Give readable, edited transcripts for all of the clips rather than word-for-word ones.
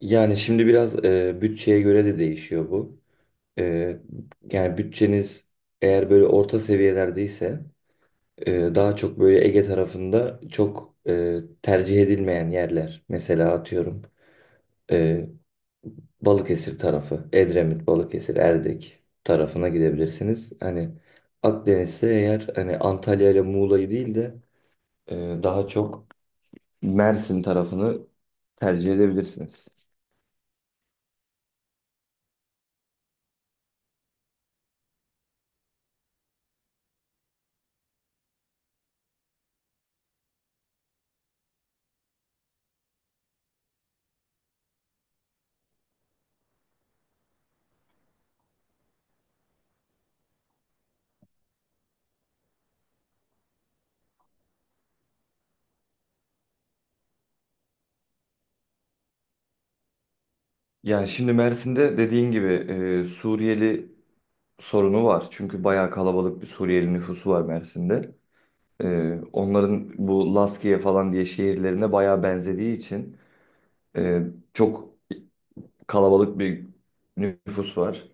Yani şimdi biraz bütçeye göre de değişiyor bu. E, Yani bütçeniz eğer böyle orta seviyelerdeyse daha çok böyle Ege tarafında çok tercih edilmeyen yerler. Mesela atıyorum e, Balıkesir tarafı, Edremit, Balıkesir, Erdek tarafına gidebilirsiniz. Hani Akdeniz'de eğer hani Antalya ile Muğla'yı değil de e, daha çok Mersin tarafını tercih edebilirsiniz. Yani şimdi Mersin'de dediğin gibi Suriyeli sorunu var. Çünkü bayağı kalabalık bir Suriyeli nüfusu var Mersin'de. Onların bu Laskiye falan diye şehirlerine bayağı benzediği için e, çok kalabalık bir nüfus var.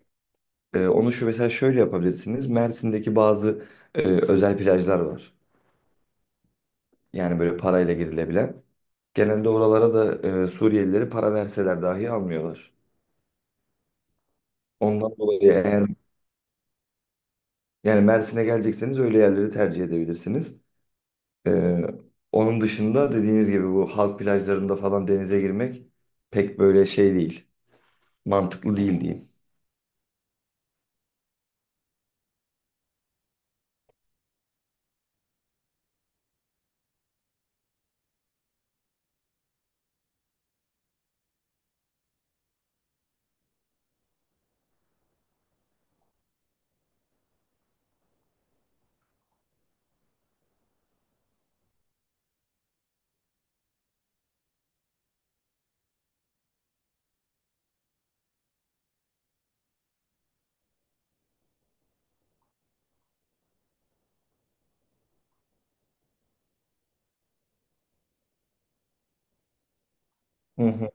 Onu şu mesela şöyle yapabilirsiniz. Mersin'deki bazı özel plajlar var. Yani böyle parayla girilebilen. Genelde oralara da Suriyelileri para verseler dahi almıyorlar. Ondan dolayı eğer yani Mersin'e gelecekseniz öyle yerleri tercih edebilirsiniz. Ee, Onun dışında dediğiniz gibi bu halk plajlarında falan denize girmek pek böyle şey değil. Mantıklı değil diyeyim. Hı hı.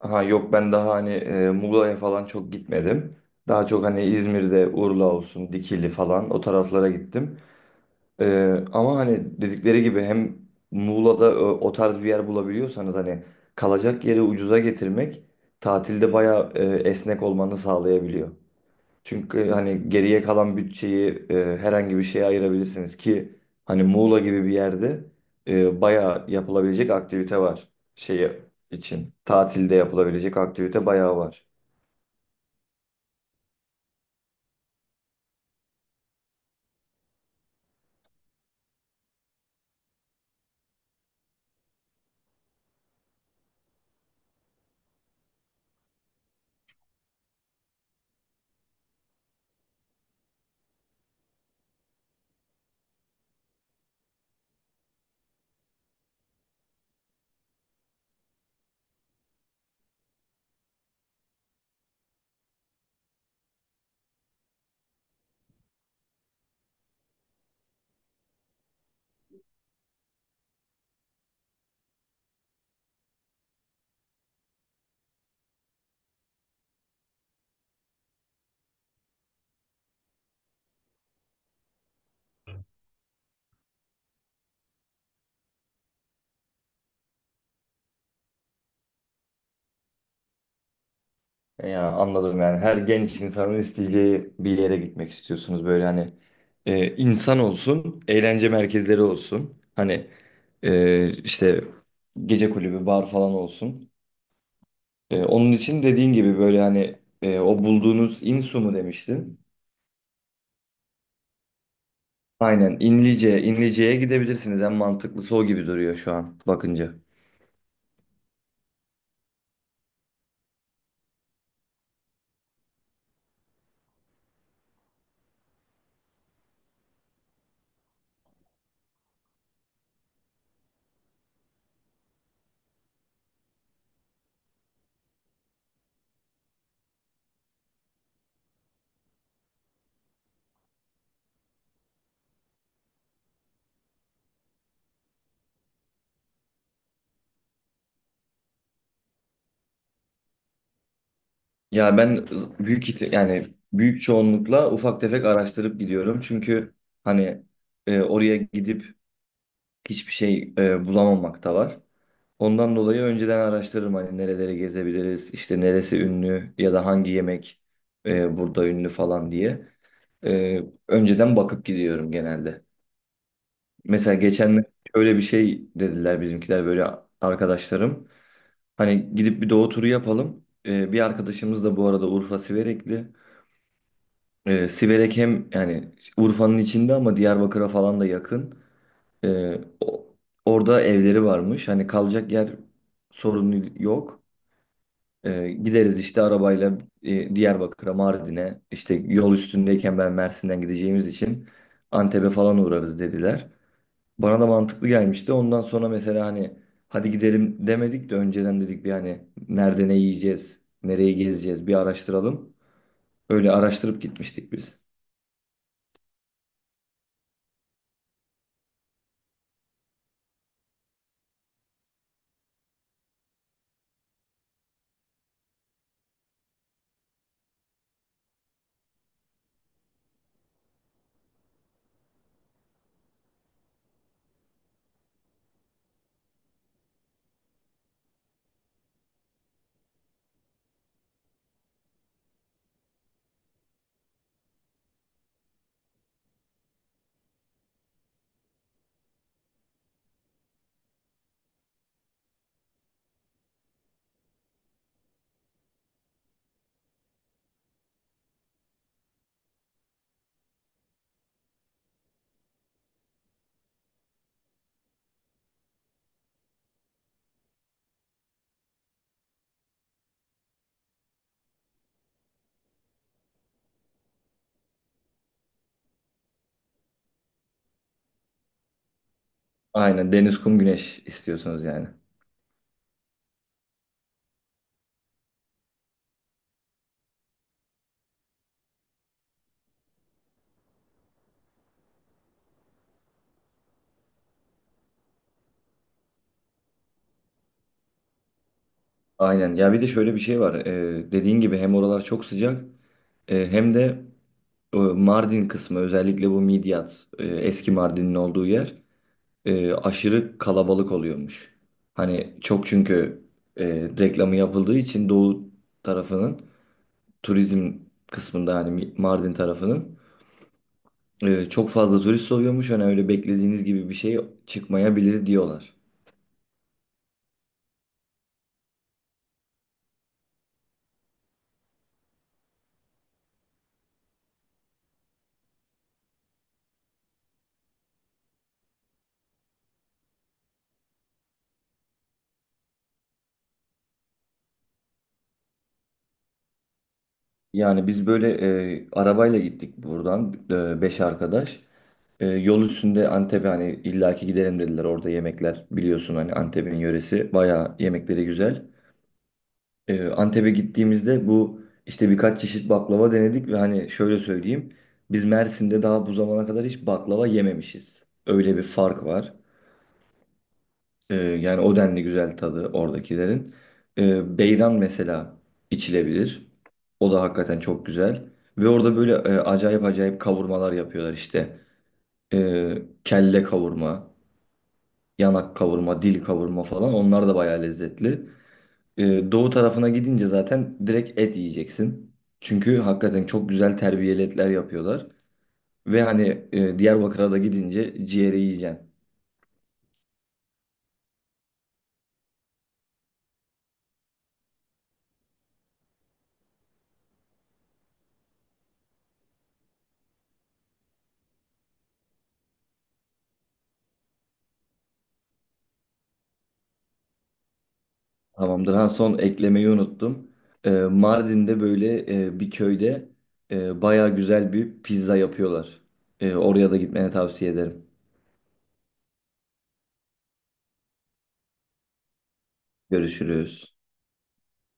Ha yok, ben daha hani Muğla'ya falan çok gitmedim. Daha çok hani İzmir'de Urla olsun, Dikili falan o taraflara gittim. Ama hani dedikleri gibi hem Muğla'da o tarz bir yer bulabiliyorsanız hani kalacak yeri ucuza getirmek tatilde bayağı esnek olmanı sağlayabiliyor. Çünkü hani geriye kalan bütçeyi herhangi bir şeye ayırabilirsiniz ki hani Muğla gibi bir yerde bayağı yapılabilecek aktivite var şeyi için. Tatilde yapılabilecek aktivite bayağı var. Ya anladım, yani her genç insanın isteyeceği bir yere gitmek istiyorsunuz böyle hani insan olsun, eğlence merkezleri olsun. Hani işte gece kulübü, bar falan olsun. Onun için dediğin gibi böyle hani o bulduğunuz İnsu mu demiştin? Aynen İnlice, İnlice'ye gidebilirsiniz. En mantıklısı o gibi duruyor şu an bakınca. Ya ben yani büyük çoğunlukla ufak tefek araştırıp gidiyorum. Çünkü hani oraya gidip hiçbir şey bulamamak da var. Ondan dolayı önceden araştırırım hani nereleri gezebiliriz, işte neresi ünlü ya da hangi yemek burada ünlü falan diye. E, Önceden bakıp gidiyorum genelde. Mesela geçen şöyle bir şey dediler bizimkiler, böyle arkadaşlarım. Hani gidip bir doğu turu yapalım. E, bir arkadaşımız da bu arada Urfa Siverekli. E, Siverek hem yani Urfa'nın içinde ama Diyarbakır'a falan da yakın. Ee, o- orada evleri varmış. Hani kalacak yer sorunu yok. Gideriz işte arabayla Diyarbakır'a, Mardin'e. İşte yol üstündeyken ben Mersin'den gideceğimiz için Antep'e falan uğrarız dediler. Bana da mantıklı gelmişti. Ondan sonra mesela hani hadi gidelim demedik de önceden dedik bir hani nerede ne yiyeceğiz, nereyi gezeceğiz bir araştıralım. Öyle araştırıp gitmiştik biz. Aynen, deniz, kum, güneş istiyorsunuz yani. Aynen. Ya bir de şöyle bir şey var. Dediğin gibi hem oralar çok sıcak hem de Mardin kısmı, özellikle bu Midyat, eski Mardin'in olduğu yer aşırı kalabalık oluyormuş. Hani çok, çünkü e, reklamı yapıldığı için Doğu tarafının turizm kısmında hani Mardin tarafının çok fazla turist oluyormuş. Hani öyle beklediğiniz gibi bir şey çıkmayabilir diyorlar. Yani biz böyle arabayla gittik buradan, beş arkadaş. Yol üstünde Antep'e hani illaki gidelim dediler. Orada yemekler, biliyorsun hani, Antep'in yöresi. Bayağı yemekleri güzel. Antep'e gittiğimizde bu işte birkaç çeşit baklava denedik ve hani şöyle söyleyeyim. Biz Mersin'de daha bu zamana kadar hiç baklava yememişiz. Öyle bir fark var. Yani o denli güzel tadı oradakilerin. Beyran mesela içilebilir. O da hakikaten çok güzel. Ve orada böyle acayip acayip kavurmalar yapıyorlar işte. Kelle kavurma, yanak kavurma, dil kavurma falan, onlar da bayağı lezzetli. Doğu tarafına gidince zaten direkt et yiyeceksin. Çünkü hakikaten çok güzel terbiyeli etler yapıyorlar. Ve hani Diyarbakır'a da gidince ciğeri yiyeceksin. Tamamdır. Ha, son eklemeyi unuttum. Mardin'de böyle bir köyde bayağı güzel bir pizza yapıyorlar. Oraya da gitmeni tavsiye ederim. Görüşürüz.